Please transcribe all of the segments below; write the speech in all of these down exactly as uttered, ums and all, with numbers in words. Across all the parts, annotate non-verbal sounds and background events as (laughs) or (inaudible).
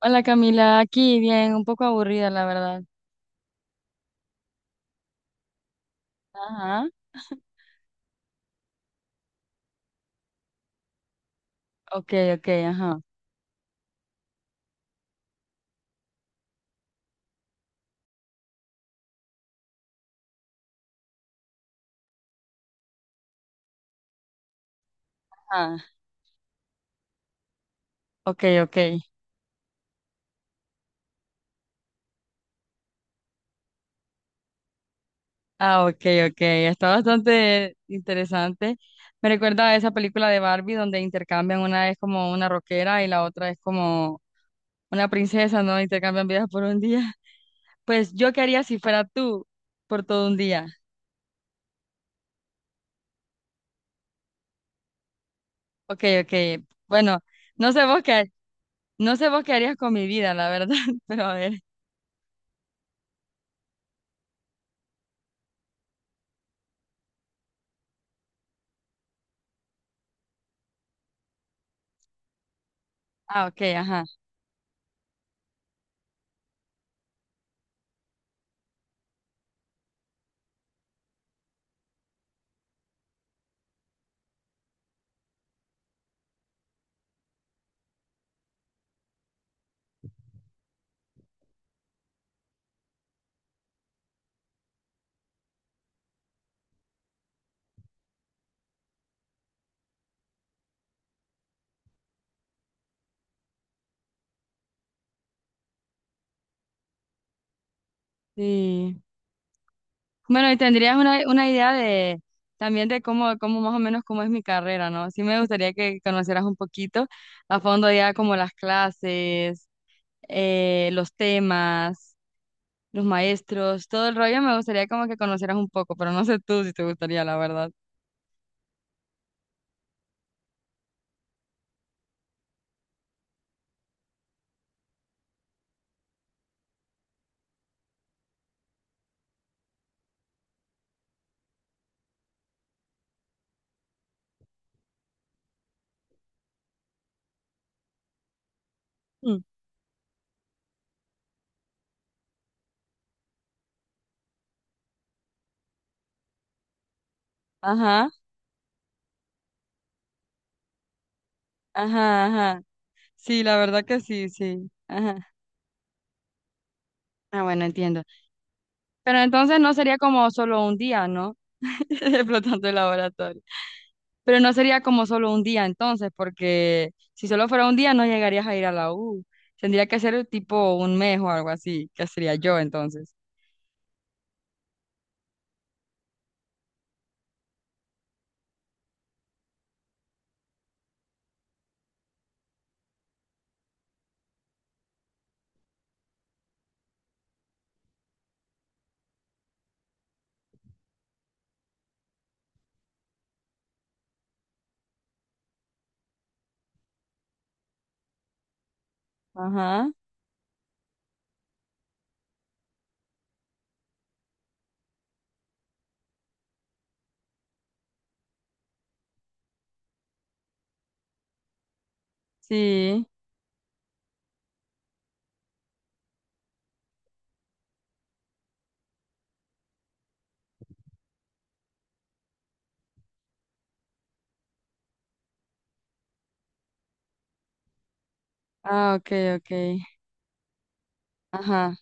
Hola Camila, aquí bien, un poco aburrida la verdad. Ajá, ok, ok, ajá, ajá, ok, ok, ah, ok, ok, está bastante interesante. Me recuerda a esa película de Barbie donde intercambian, una es como una rockera y la otra es como una princesa, ¿no? Intercambian vidas por un día. (laughs) Pues yo qué haría si fuera tú por todo un día. Ok, ok, bueno, no sé vos qué, no sé vos qué harías con mi vida, la verdad, (laughs) pero a ver. Ah, ok, ajá. Sí. Bueno, y tendrías una, una idea de también de cómo, cómo más o menos cómo es mi carrera, ¿no? Sí me gustaría que conocieras un poquito a fondo ya como las clases, eh, los temas, los maestros, todo el rollo, me gustaría como que conocieras un poco, pero no sé tú si te gustaría, la verdad. Mm. Ajá, ajá, ajá. Sí, la verdad que sí, sí. Ajá. Ah, bueno, entiendo. Pero entonces no sería como solo un día, ¿no? (laughs) Explotando el laboratorio. Pero no sería como solo un día entonces, porque si solo fuera un día no llegarías a ir a la U. Tendría que ser tipo un mes o algo así, que sería yo entonces. Ajá, sí. Ah, ok, ok. Ajá.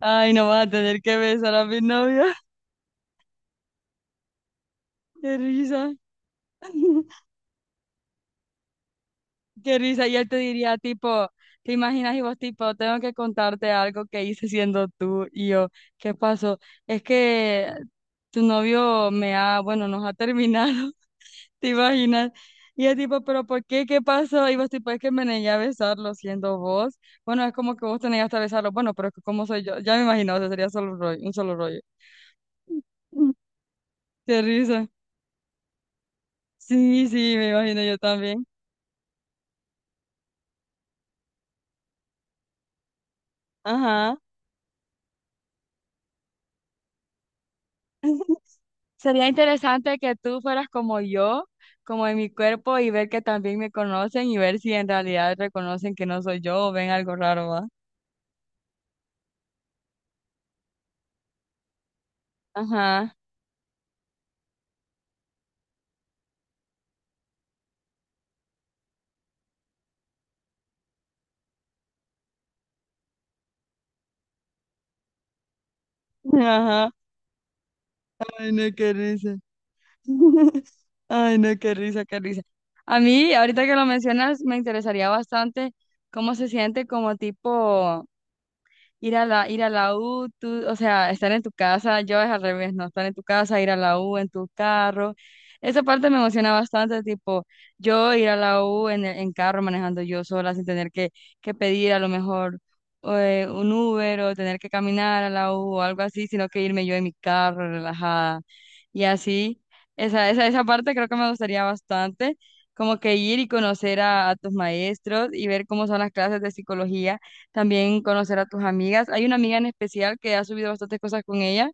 Ay, no vas a tener que besar a mi novia. (laughs) Qué risa. (laughs) Qué risa. Y él te diría tipo, ¿te imaginas? Y vos tipo, tengo que contarte algo que hice siendo tú. Y yo, ¿qué pasó? Es que tu novio me ha, bueno, nos ha terminado. ¿Te imaginas? Y es tipo, ¿pero por qué? ¿Qué pasó? Y vos tipo, es que me negué a besarlo siendo vos. Bueno, es como que vos te negaste a besarlo. Bueno, pero es que como soy yo, ya me imagino, o sea, sería solo un rollo, un solo rollo. (laughs) Qué risa. Sí, sí, me imagino yo también. Ajá. (laughs) Sería interesante que tú fueras como yo, como en mi cuerpo, y ver que también me conocen y ver si en realidad reconocen que no soy yo o ven algo raro, ¿va? Ajá. (laughs) Ajá. Ay, no, qué risa. (laughs) Ay, no, qué risa, qué risa. A mí, ahorita que lo mencionas, me interesaría bastante cómo se siente como tipo ir a la, ir a la U, tú- o sea, estar en tu casa, yo es al revés, no, estar en tu casa, ir a la U en tu carro. Esa parte me emociona bastante, tipo, yo ir a la U en, el- en carro manejando yo sola sin tener que, que pedir a lo mejor eh, un Uber o tener que caminar a la U o algo así, sino que irme yo en mi carro relajada y así. Esa, esa, esa parte creo que me gustaría bastante, como que ir y conocer a a tus maestros y ver cómo son las clases de psicología, también conocer a tus amigas. Hay una amiga en especial que ha subido bastantes cosas con ella,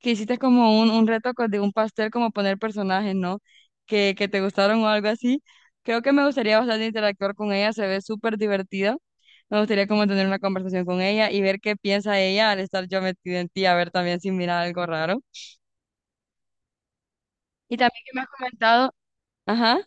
que hiciste como un, un reto co- de un pastel, como poner personajes, ¿no? Que, que te gustaron o algo así. Creo que me gustaría bastante interactuar con ella, se ve súper divertida. Me gustaría como tener una conversación con ella y ver qué piensa ella al estar yo metida en ti, a ver también si mira algo raro. Y también que me has comentado, ajá,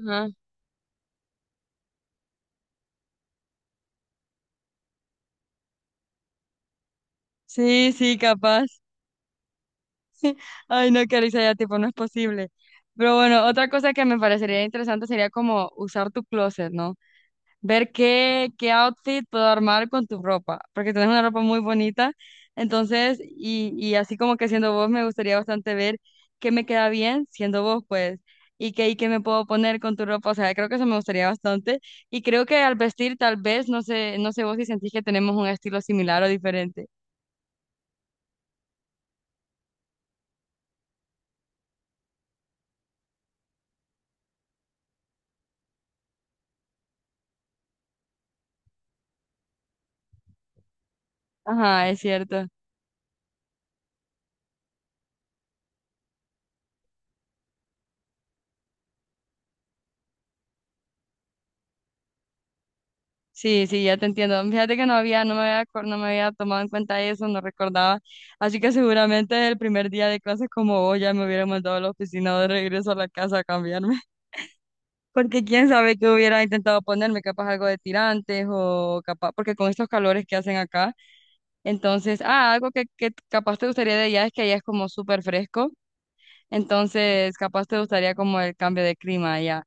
ajá, sí, sí, capaz. Ay, no, Carissa, ya tipo, no es posible. Pero bueno, otra cosa que me parecería interesante sería como usar tu closet, ¿no? Ver qué, qué outfit puedo armar con tu ropa, porque tienes una ropa muy bonita. Entonces, y, y así como que siendo vos, me gustaría bastante ver qué me queda bien siendo vos, pues, y qué, y qué me puedo poner con tu ropa. O sea, creo que eso me gustaría bastante. Y creo que al vestir, tal vez, no sé, no sé vos si sentís que tenemos un estilo similar o diferente. Ajá, es cierto. Sí, sí, ya te entiendo. Fíjate que no había, no me había, acor- no me había tomado en cuenta eso, no recordaba. Así que seguramente el primer día de clases como vos ya me hubiera mandado a la oficina de regreso a la casa a cambiarme. (laughs) Porque quién sabe qué hubiera intentado ponerme, capaz algo de tirantes o capaz, porque con estos calores que hacen acá, entonces, ah, algo que, que capaz te gustaría de allá es que allá es como súper fresco, entonces capaz te gustaría como el cambio de clima allá,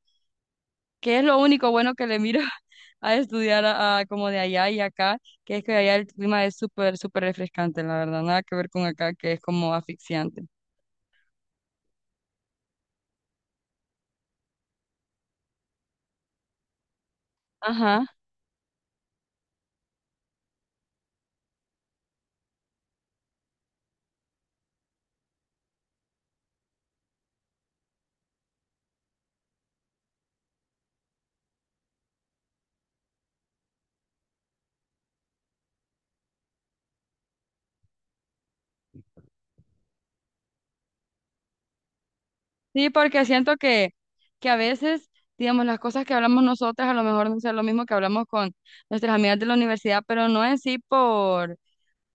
que es lo único bueno que le miro (laughs) a estudiar a, a como de allá y acá, que es que allá el clima es súper, súper refrescante, la verdad, nada que ver con acá, que es como asfixiante. Ajá, sí, porque siento que, que a veces, digamos, las cosas que hablamos nosotras a lo mejor no son lo mismo que hablamos con nuestras amigas de la universidad, pero no en sí por,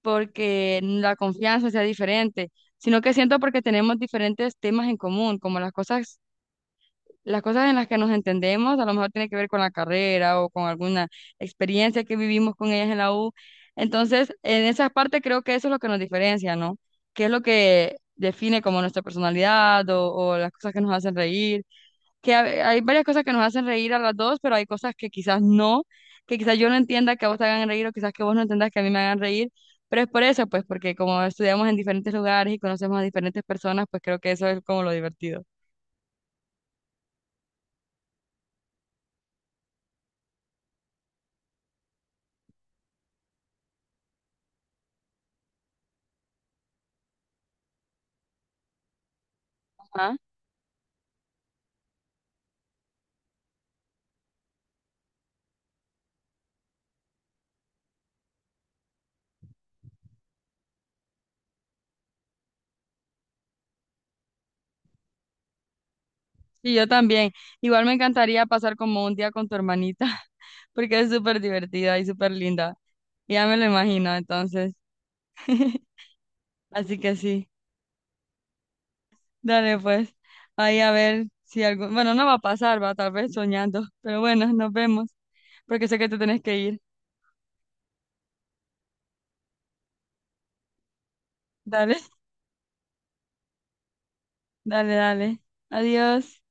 porque la confianza sea diferente, sino que siento porque tenemos diferentes temas en común, como las cosas. Las cosas en las que nos entendemos, a lo mejor tiene que ver con la carrera o con alguna experiencia que vivimos con ellas en la U. Entonces, en esa parte creo que eso es lo que nos diferencia, ¿no? ¿Qué es lo que define como nuestra personalidad o, o las cosas que nos hacen reír? Que ha- hay varias cosas que nos hacen reír a las dos, pero hay cosas que quizás no, que quizás yo no entienda que a vos te hagan reír o quizás que vos no entendas que a mí me hagan reír. Pero es por eso, pues, porque como estudiamos en diferentes lugares y conocemos a diferentes personas, pues creo que eso es como lo divertido. Y yo también. Igual me encantaría pasar como un día con tu hermanita, (laughs) porque es súper divertida y súper linda. Ya me lo imagino, entonces. (laughs) Así que sí, dale pues. Ahí a ver si algo... Bueno, no va a pasar, va tal vez soñando, pero bueno, nos vemos, porque sé que te tenés que ir. Dale, (laughs) dale, dale. Adiós.